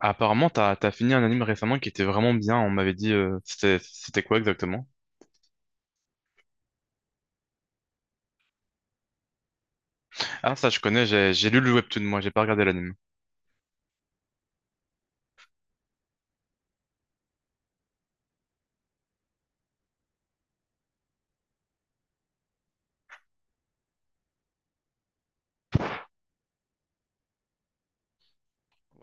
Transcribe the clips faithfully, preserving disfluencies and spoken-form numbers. Apparemment, t'as, t'as fini un anime récemment qui était vraiment bien. On m'avait dit, euh, c'était, c'était quoi exactement? Ah, ça, je connais, j'ai, j'ai lu le webtoon, moi, j'ai pas regardé l'anime.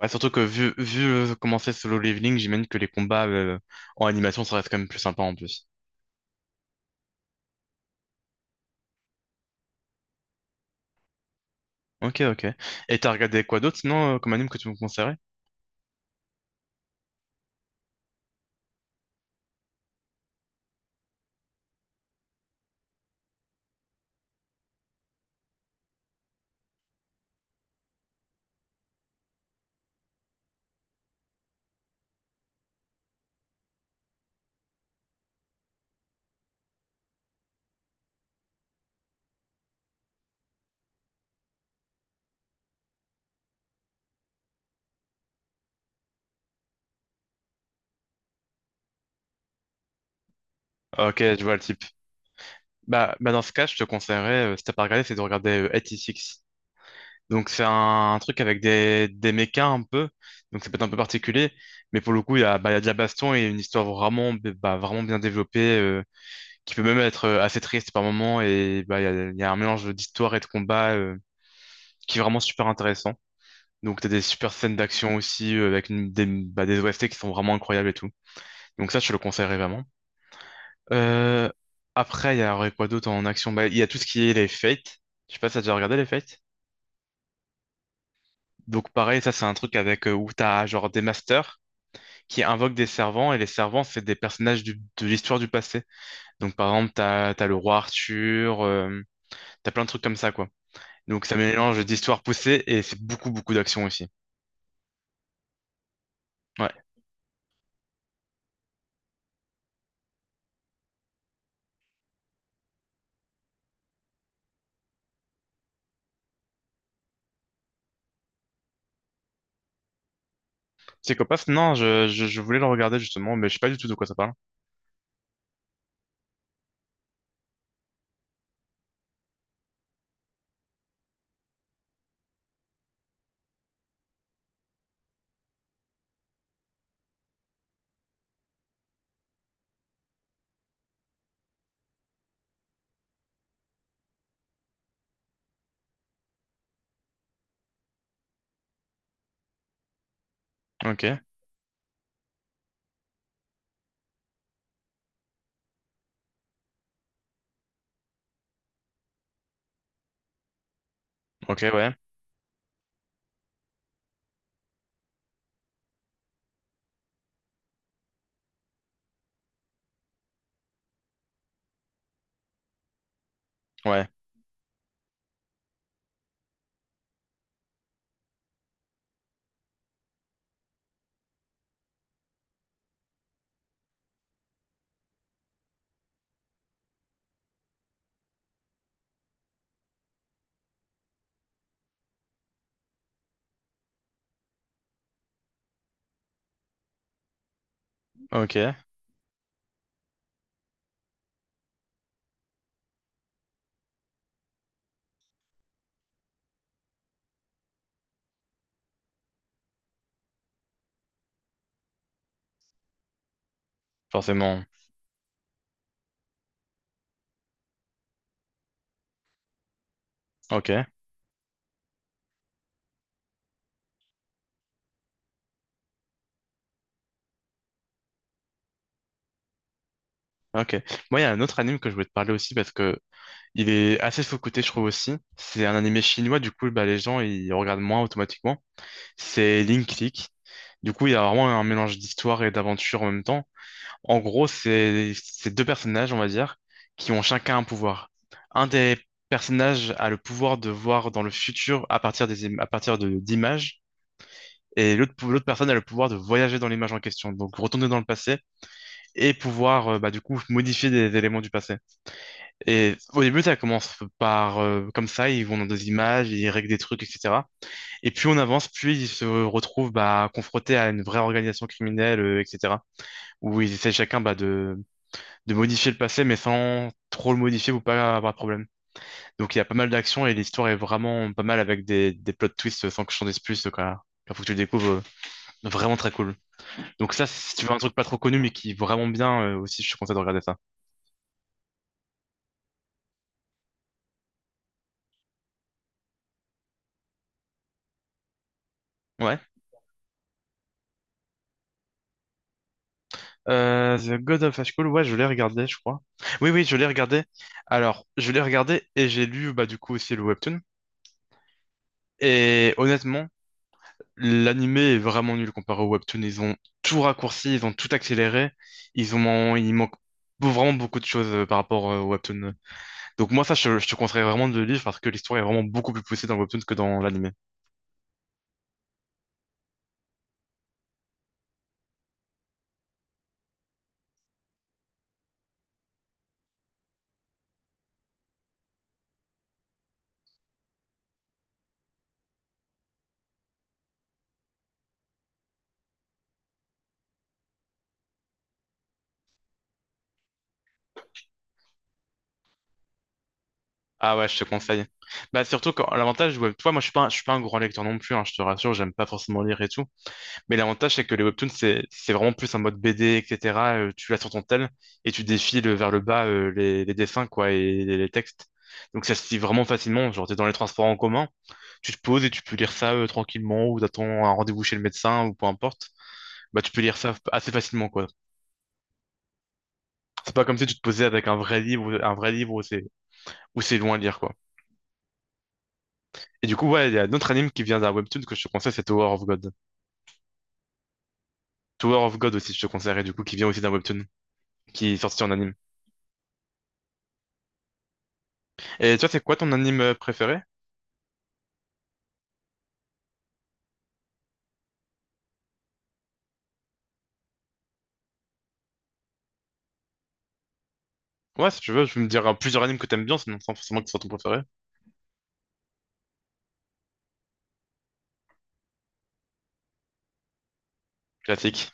Ouais, surtout que vu, vu euh, comment c'est Solo Leveling, j'imagine que les combats euh, en animation, ça reste quand même plus sympa en plus. Ok, ok. Et t'as regardé quoi d'autre sinon euh, comme anime que tu me conseillerais? Ok, je vois le type. Bah, bah dans ce cas, je te conseillerais, euh, si t'as pas regardé, c'est de regarder euh, quatre-vingt-six. Donc c'est un, un truc avec des, des mechas un peu, donc ça peut être un peu particulier, mais pour le coup il y a, bah, il y a de la baston et une histoire vraiment, bah, vraiment bien développée, euh, qui peut même être euh, assez triste par moment, et bah, il y a, il y a un mélange d'histoire et de combat euh, qui est vraiment super intéressant. Donc t'as des super scènes d'action aussi, euh, avec une- des, bah, des O S T qui sont vraiment incroyables et tout. Donc ça je te le conseillerais vraiment. Euh, Après il y a quoi d'autre en action? Bah, il y a tout ce qui est les Fates, je sais pas si t'as déjà regardé les Fates. Donc pareil, ça c'est un truc avec euh, où t'as genre des masters qui invoque des servants, et les servants, c'est des personnages du- de l'histoire du passé. Donc, par exemple, t'as, t'as le roi Arthur, euh, t'as plein de trucs comme ça, quoi. Donc, ça mélange d'histoires poussées, et c'est beaucoup, beaucoup d'action aussi. Ouais. Psychopath, non, je, je, je voulais le regarder, justement, mais je sais pas du tout de quoi ça parle. Ok, ok, ouais, ouais, ok, forcément, ok. Ok. Moi, il y a un autre anime que je voulais te parler aussi parce que il est assez sous-coté, je trouve aussi. C'est un animé chinois, du coup, bah, les gens ils regardent moins automatiquement. C'est Link Click. Du coup, il y a vraiment un mélange d'histoire et d'aventure en même temps. En gros, c'est c'est deux personnages, on va dire, qui ont chacun un pouvoir. Un des personnages a le pouvoir de voir dans le futur à partir des im- à partir de d'images. Et l'autre pou- l'autre personne a le pouvoir de voyager dans l'image en question, donc retourner dans le passé et pouvoir euh, bah, du coup modifier des éléments du passé. Et au début, ça commence par euh, comme ça, ils vont dans des images, ils règlent des trucs, et cetera. Et plus on avance, plus ils se retrouvent bah, confrontés à une vraie organisation criminelle, euh, et cetera. Où ils essaient chacun bah, de, de modifier le passé, mais sans trop le modifier ou pas avoir de problème. Donc il y a pas mal d'actions et l'histoire est vraiment pas mal avec des, des plots twists sans que je t'en dise plus. Donc, euh, il faut que tu le découvres, euh, vraiment très cool. Donc ça, si tu veux un truc pas trop connu, mais qui est vraiment bien, euh, aussi, je te conseille de regarder ça. Ouais. Euh, The God of High School, ouais, je l'ai regardé, je crois. Oui, oui, je l'ai regardé. Alors, je l'ai regardé et j'ai lu, bah, du coup, aussi le webtoon. Et honnêtement, l'anime est vraiment nul comparé au webtoon. Ils ont tout raccourci, ils ont tout accéléré. Ils ont, il manque vraiment beaucoup de choses euh, par rapport euh, au webtoon. Donc moi, ça, je, je te conseille vraiment de le lire parce que l'histoire est vraiment beaucoup plus poussée dans le webtoon que dans l'anime. Ah ouais, je te conseille. Bah, surtout quand l'avantage, ouais, toi, moi, je suis pas, un- je suis pas un grand lecteur non plus, hein, je te rassure, j'aime pas forcément lire et tout. Mais l'avantage, c'est que les webtoons, c'est c'est vraiment plus un mode B D, et cetera. Euh, tu l'as sur ton tel et tu défiles vers le bas euh, les, les dessins, quoi, et les, les textes. Donc ça se lit vraiment facilement. Genre, t'es dans les transports en commun, tu te poses et tu peux lire ça euh, tranquillement, ou t'attends un rendez-vous chez le médecin, ou peu importe. Bah, tu peux lire ça assez facilement, quoi. C'est pas comme si tu te posais avec un vrai livre, un vrai livre où c'est où c'est loin à lire, quoi. Et du coup, ouais, il y a d'autres animes qui vient d'un webtoon que je te conseille, c'est Tower of God. Tower of God aussi, je te conseillerais, du coup, qui vient aussi d'un webtoon, qui est sorti en anime. Et toi, c'est quoi ton anime préféré? Ouais, si tu veux, tu me diras plusieurs animes que t'aimes bien, sinon sans forcément que ce soit ton préféré. Classique.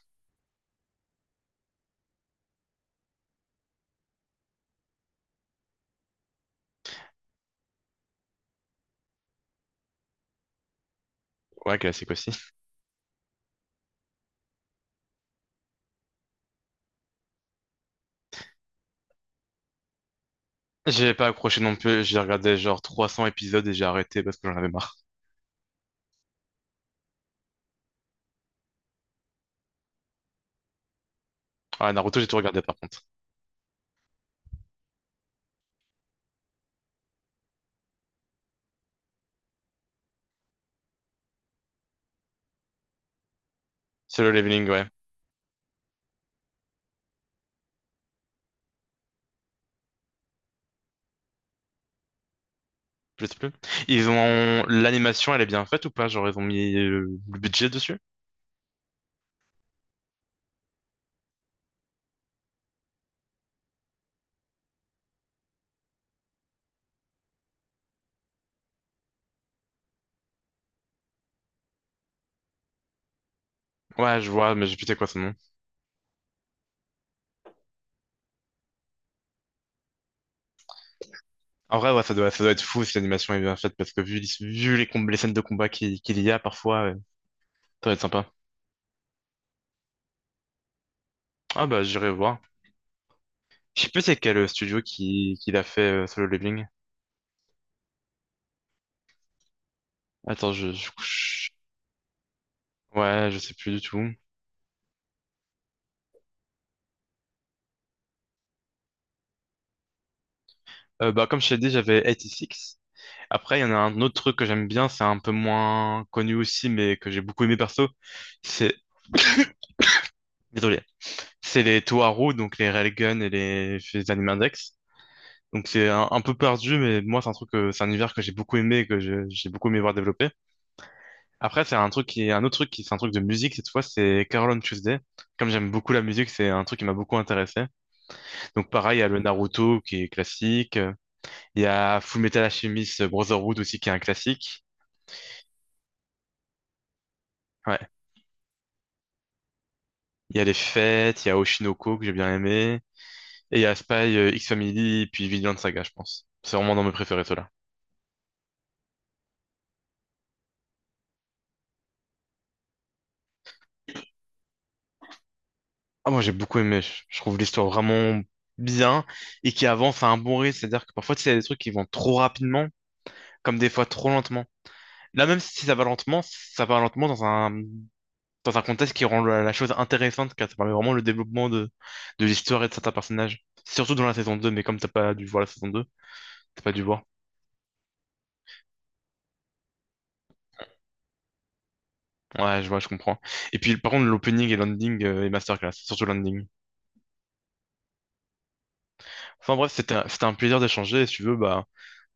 Ouais, classique aussi. J'ai pas accroché non plus, j'ai regardé genre trois cents épisodes et j'ai arrêté parce que j'en avais marre. Ah, Naruto, j'ai tout regardé par contre. C'est le leveling, ouais. Je sais plus. Ils ont... L'animation, elle est bien faite ou pas? Genre, ils ont mis euh, le budget dessus? Ouais, je vois, mais j'ai plus c'est quoi son nom. En vrai, ouais, ça doit, ça doit être fou si l'animation est bien faite parce que vu, vu les, com- les scènes de combat qu'il qu'il y a parfois, ouais, ça doit être sympa. Ah bah, j'irai voir. Je sais plus c'est quel euh, studio qui, qui l'a fait euh, Solo Leveling. Attends, je, je, je- Ouais, je sais plus du tout. Euh, bah, comme je t'ai dit, j'avais Six Après, il y en a un autre truc que j'aime bien, c'est un peu moins connu aussi, mais que j'ai beaucoup aimé perso. C'est... Désolé. C'est les Toharu, donc les Railgun et les, les Anime Index. Donc c'est un, un peu perdu, mais moi, c'est un truc, que- c'est un univers que j'ai beaucoup aimé, et que je- j'ai beaucoup aimé voir développer. Après, c'est un truc qui un autre truc qui, c'est un truc de musique cette fois, c'est Carol on Tuesday. Comme j'aime beaucoup la musique, c'est un truc qui m'a beaucoup intéressé. Donc pareil, il y a le Naruto qui est classique. euh, Il y a Full Metal Alchemist Brotherhood aussi qui est un classique. Ouais. Il y a Les Fêtes, il y a Oshinoko que j'ai bien aimé. Et il y a Spy, euh, X-Family, puis Vigilant Saga, je pense. C'est vraiment dans mes préférés, ceux-là. Ah, moi j'ai beaucoup aimé. Je je trouve l'histoire vraiment bien et qui avance à un bon rythme. C'est-à-dire que parfois, tu sais, il y a des trucs qui vont trop rapidement, comme des fois trop lentement. Là, même si ça va lentement, ça va lentement dans un, dans un contexte qui rend la, la chose intéressante, car ça permet vraiment le développement de, de l'histoire et de certains personnages. Surtout dans la saison deux mais comme t'as pas dû voir la saison deux t'as pas dû voir. Ouais, je vois, je comprends. Et puis, par contre, l'opening et l'ending euh, et masterclass, surtout l'ending. Enfin bref, c'était un, c'était un plaisir d'échanger. Si tu veux, bah,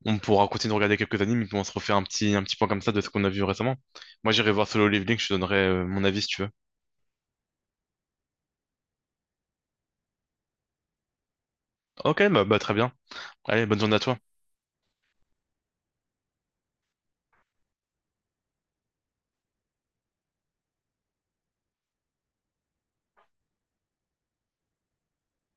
on pourra continuer de regarder quelques animes et puis on se refait un petit, un petit point comme ça de ce qu'on a vu récemment. Moi, j'irai voir Solo Leveling, je te donnerai euh, mon avis si tu veux. Ok, bah, bah très bien. Allez, bonne journée à toi.